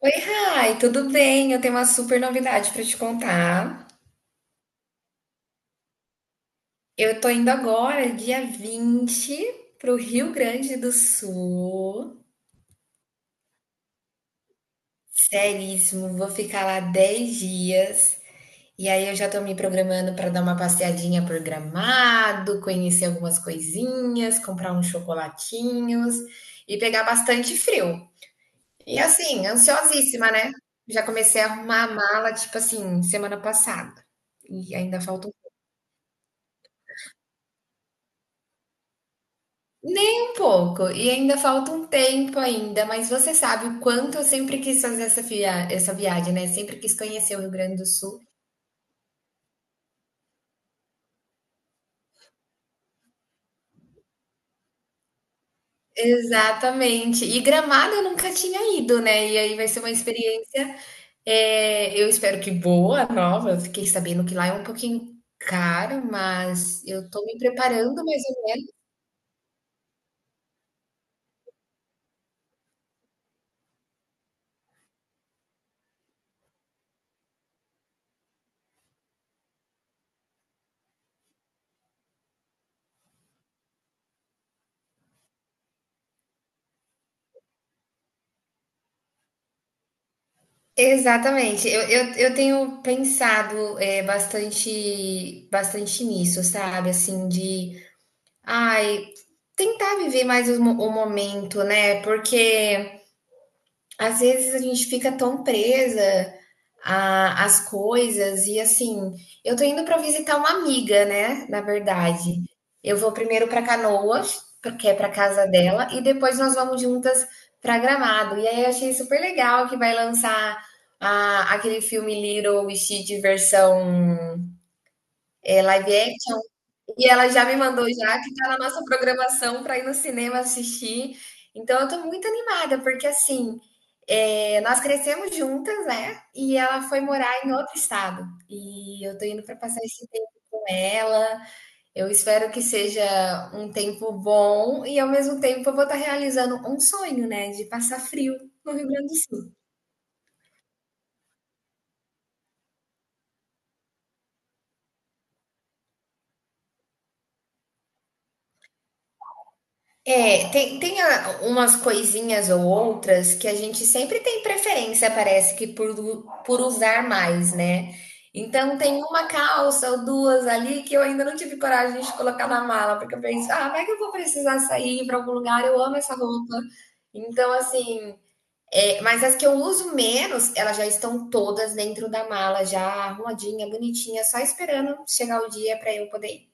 Oi, Rai, tudo bem? Eu tenho uma super novidade para te contar. Eu tô indo agora, dia 20, pro Rio Grande do Sul. Seríssimo, vou ficar lá 10 dias. E aí eu já tô me programando para dar uma passeadinha por Gramado, conhecer algumas coisinhas, comprar uns chocolatinhos e pegar bastante frio. E assim, ansiosíssima, né? Já comecei a arrumar a mala, tipo assim, semana passada. E ainda falta um. Nem um pouco, e ainda falta um tempo ainda, mas você sabe o quanto eu sempre quis fazer essa viagem, né, sempre quis conhecer o Rio Grande do Sul. Exatamente. E Gramado eu nunca tinha ido, né, e aí vai ser uma experiência, eu espero que boa, nova. Eu fiquei sabendo que lá é um pouquinho caro, mas eu tô me preparando mais ou menos. Exatamente, eu tenho pensado, bastante nisso, sabe, assim, de Ai, tentar viver mais os mo o momento, né, porque às vezes a gente fica tão presa a às coisas e, assim, eu tô indo para visitar uma amiga, né, na verdade. Eu vou primeiro para Canoas, porque é para casa dela, e depois nós vamos juntas para Gramado. E aí eu achei super legal que vai lançar a aquele filme Little Witch Diversão, live action. E ela já me mandou já que tá na nossa programação para ir no cinema assistir. Então eu tô muito animada, porque assim, é, nós crescemos juntas, né? E ela foi morar em outro estado. E eu tô indo para passar esse tempo com ela. Eu espero que seja um tempo bom e, ao mesmo tempo, eu vou estar realizando um sonho, né, de passar frio no Rio Grande do Sul. É, tem, tem umas coisinhas ou outras que a gente sempre tem preferência, parece que por, por usar mais, né? Então tem uma calça ou duas ali que eu ainda não tive coragem de colocar na mala, porque eu penso, ah, vai que eu vou precisar sair para algum lugar, eu amo essa roupa. Então, assim, é, mas as que eu uso menos, elas já estão todas dentro da mala, já arrumadinha, bonitinha, só esperando chegar o dia para eu poder ir.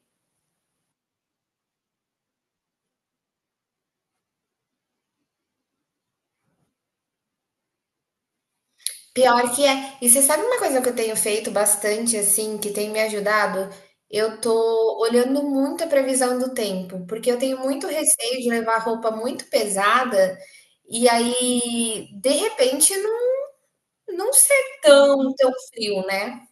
Pior que é. E você sabe uma coisa que eu tenho feito bastante, assim, que tem me ajudado? Eu tô olhando muito a previsão do tempo, porque eu tenho muito receio de levar roupa muito pesada e aí, de repente, não, não ser tão, tão frio, né?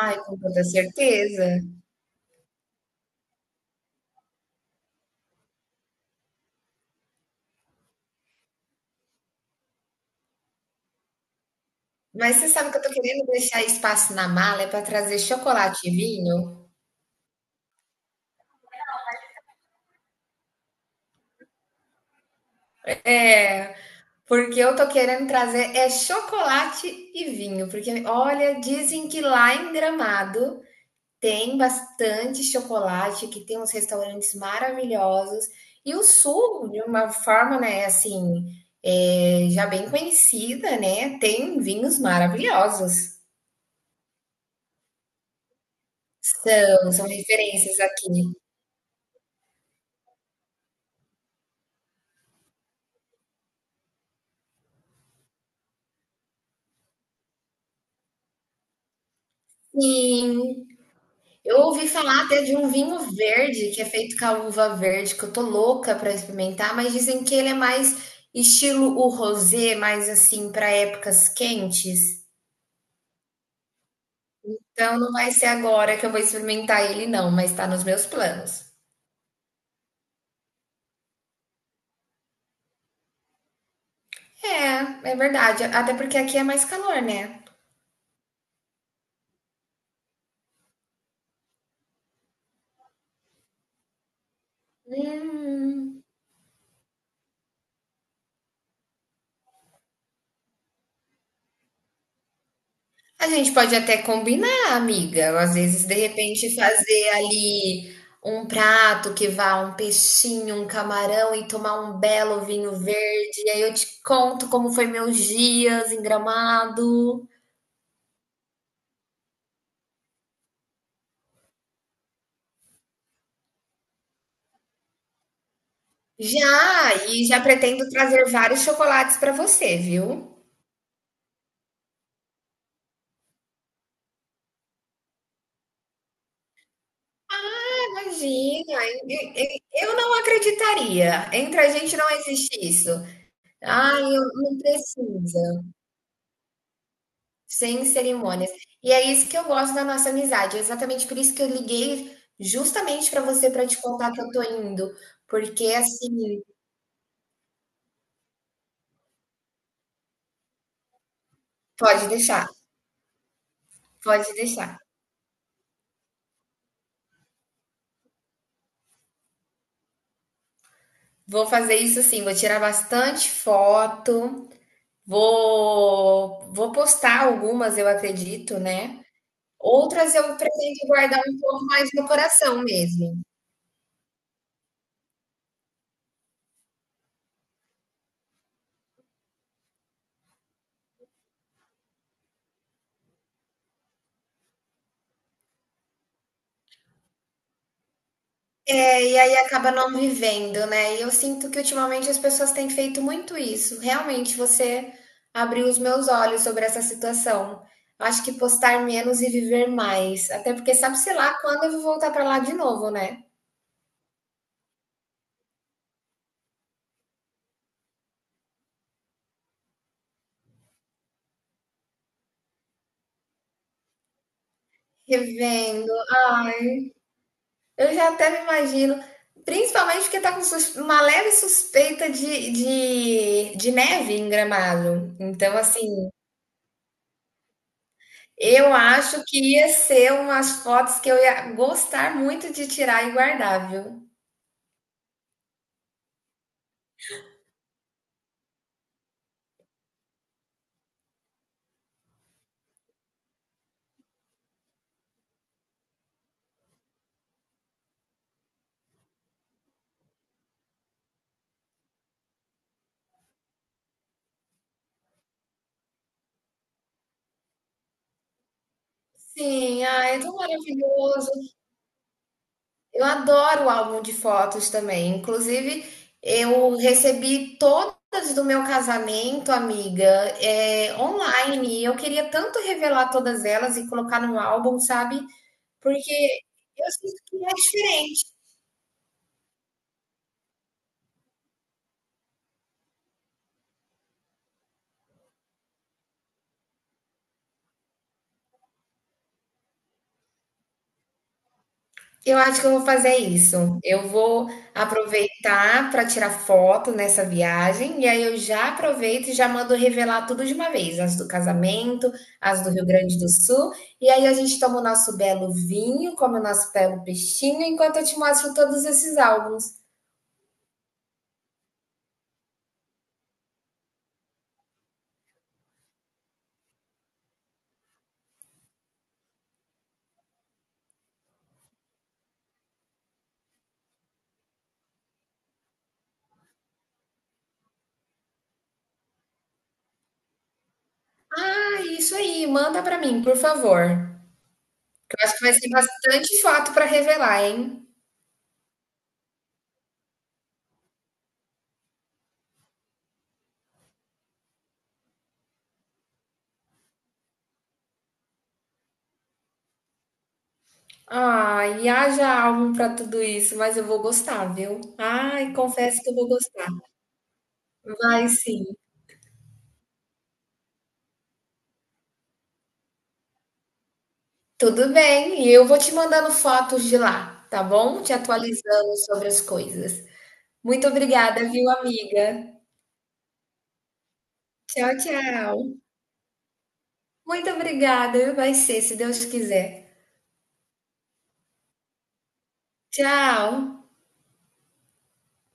Ai, com toda certeza. Mas você sabe que eu tô querendo deixar espaço na mala é para trazer chocolate e vinho? É, porque eu tô querendo trazer é chocolate e vinho, porque olha, dizem que lá em Gramado tem bastante chocolate, que tem uns restaurantes maravilhosos, e o sul, de uma forma, né, assim, é, já bem conhecida, né, tem vinhos maravilhosos. São, são referências aqui. Sim, eu ouvi falar até de um vinho verde, que é feito com a uva verde, que eu tô louca pra experimentar, mas dizem que ele é mais estilo o rosé, mais assim, pra épocas quentes. Então não vai ser agora que eu vou experimentar ele, não, mas tá nos meus planos. É, é verdade. Até porque aqui é mais calor, né? Hum. A gente pode até combinar, amiga. Às vezes, de repente, fazer ali um prato que vá um peixinho, um camarão e tomar um belo vinho verde. E aí eu te conto como foi meus dias em Gramado. Já, e já pretendo trazer vários chocolates para você, viu? Ah, imagina. e- e- Eu não acreditaria. Entre a gente não existe isso. Ah, eu não preciso. Sem cerimônias. E é isso que eu gosto da nossa amizade. É exatamente por isso que eu liguei justamente para você para te contar que eu tô indo, porque assim, pode deixar, pode deixar. Vou fazer isso sim, vou tirar bastante foto, vou postar algumas, eu acredito, né? Outras eu pretendo guardar um pouco mais no coração mesmo. É, e aí acaba não vivendo, né? E eu sinto que ultimamente as pessoas têm feito muito isso. Realmente, você abriu os meus olhos sobre essa situação. Acho que postar menos e viver mais. Até porque sabe-se lá quando eu vou voltar pra lá de novo, né? Revendo. Ai, eu já até me imagino. Principalmente porque tá com uma leve suspeita de, de neve em Gramado. Então, assim, eu acho que ia ser umas fotos que eu ia gostar muito de tirar e guardar, viu. Sim, ah, é tão maravilhoso. Eu adoro o álbum de fotos também, inclusive eu recebi todas do meu casamento, amiga, online, e eu queria tanto revelar todas elas e colocar num álbum, sabe, porque eu sinto que é diferente. Eu acho que eu vou fazer isso. Eu vou aproveitar para tirar foto nessa viagem, e aí eu já aproveito e já mando revelar tudo de uma vez, as do casamento, as do Rio Grande do Sul, e aí a gente toma o nosso belo vinho, come o nosso belo peixinho, enquanto eu te mostro todos esses álbuns. Ah, isso aí, manda para mim, por favor. Que eu acho que vai ser bastante foto para revelar, hein? Ai, haja álbum para tudo isso, mas eu vou gostar, viu? Ai, confesso que eu vou gostar. Vai sim, tudo bem. E eu vou te mandando fotos de lá, tá bom? Te atualizando sobre as coisas. Muito obrigada, viu, amiga? Tchau, tchau. Muito obrigada, vai ser, se Deus quiser. Tchau.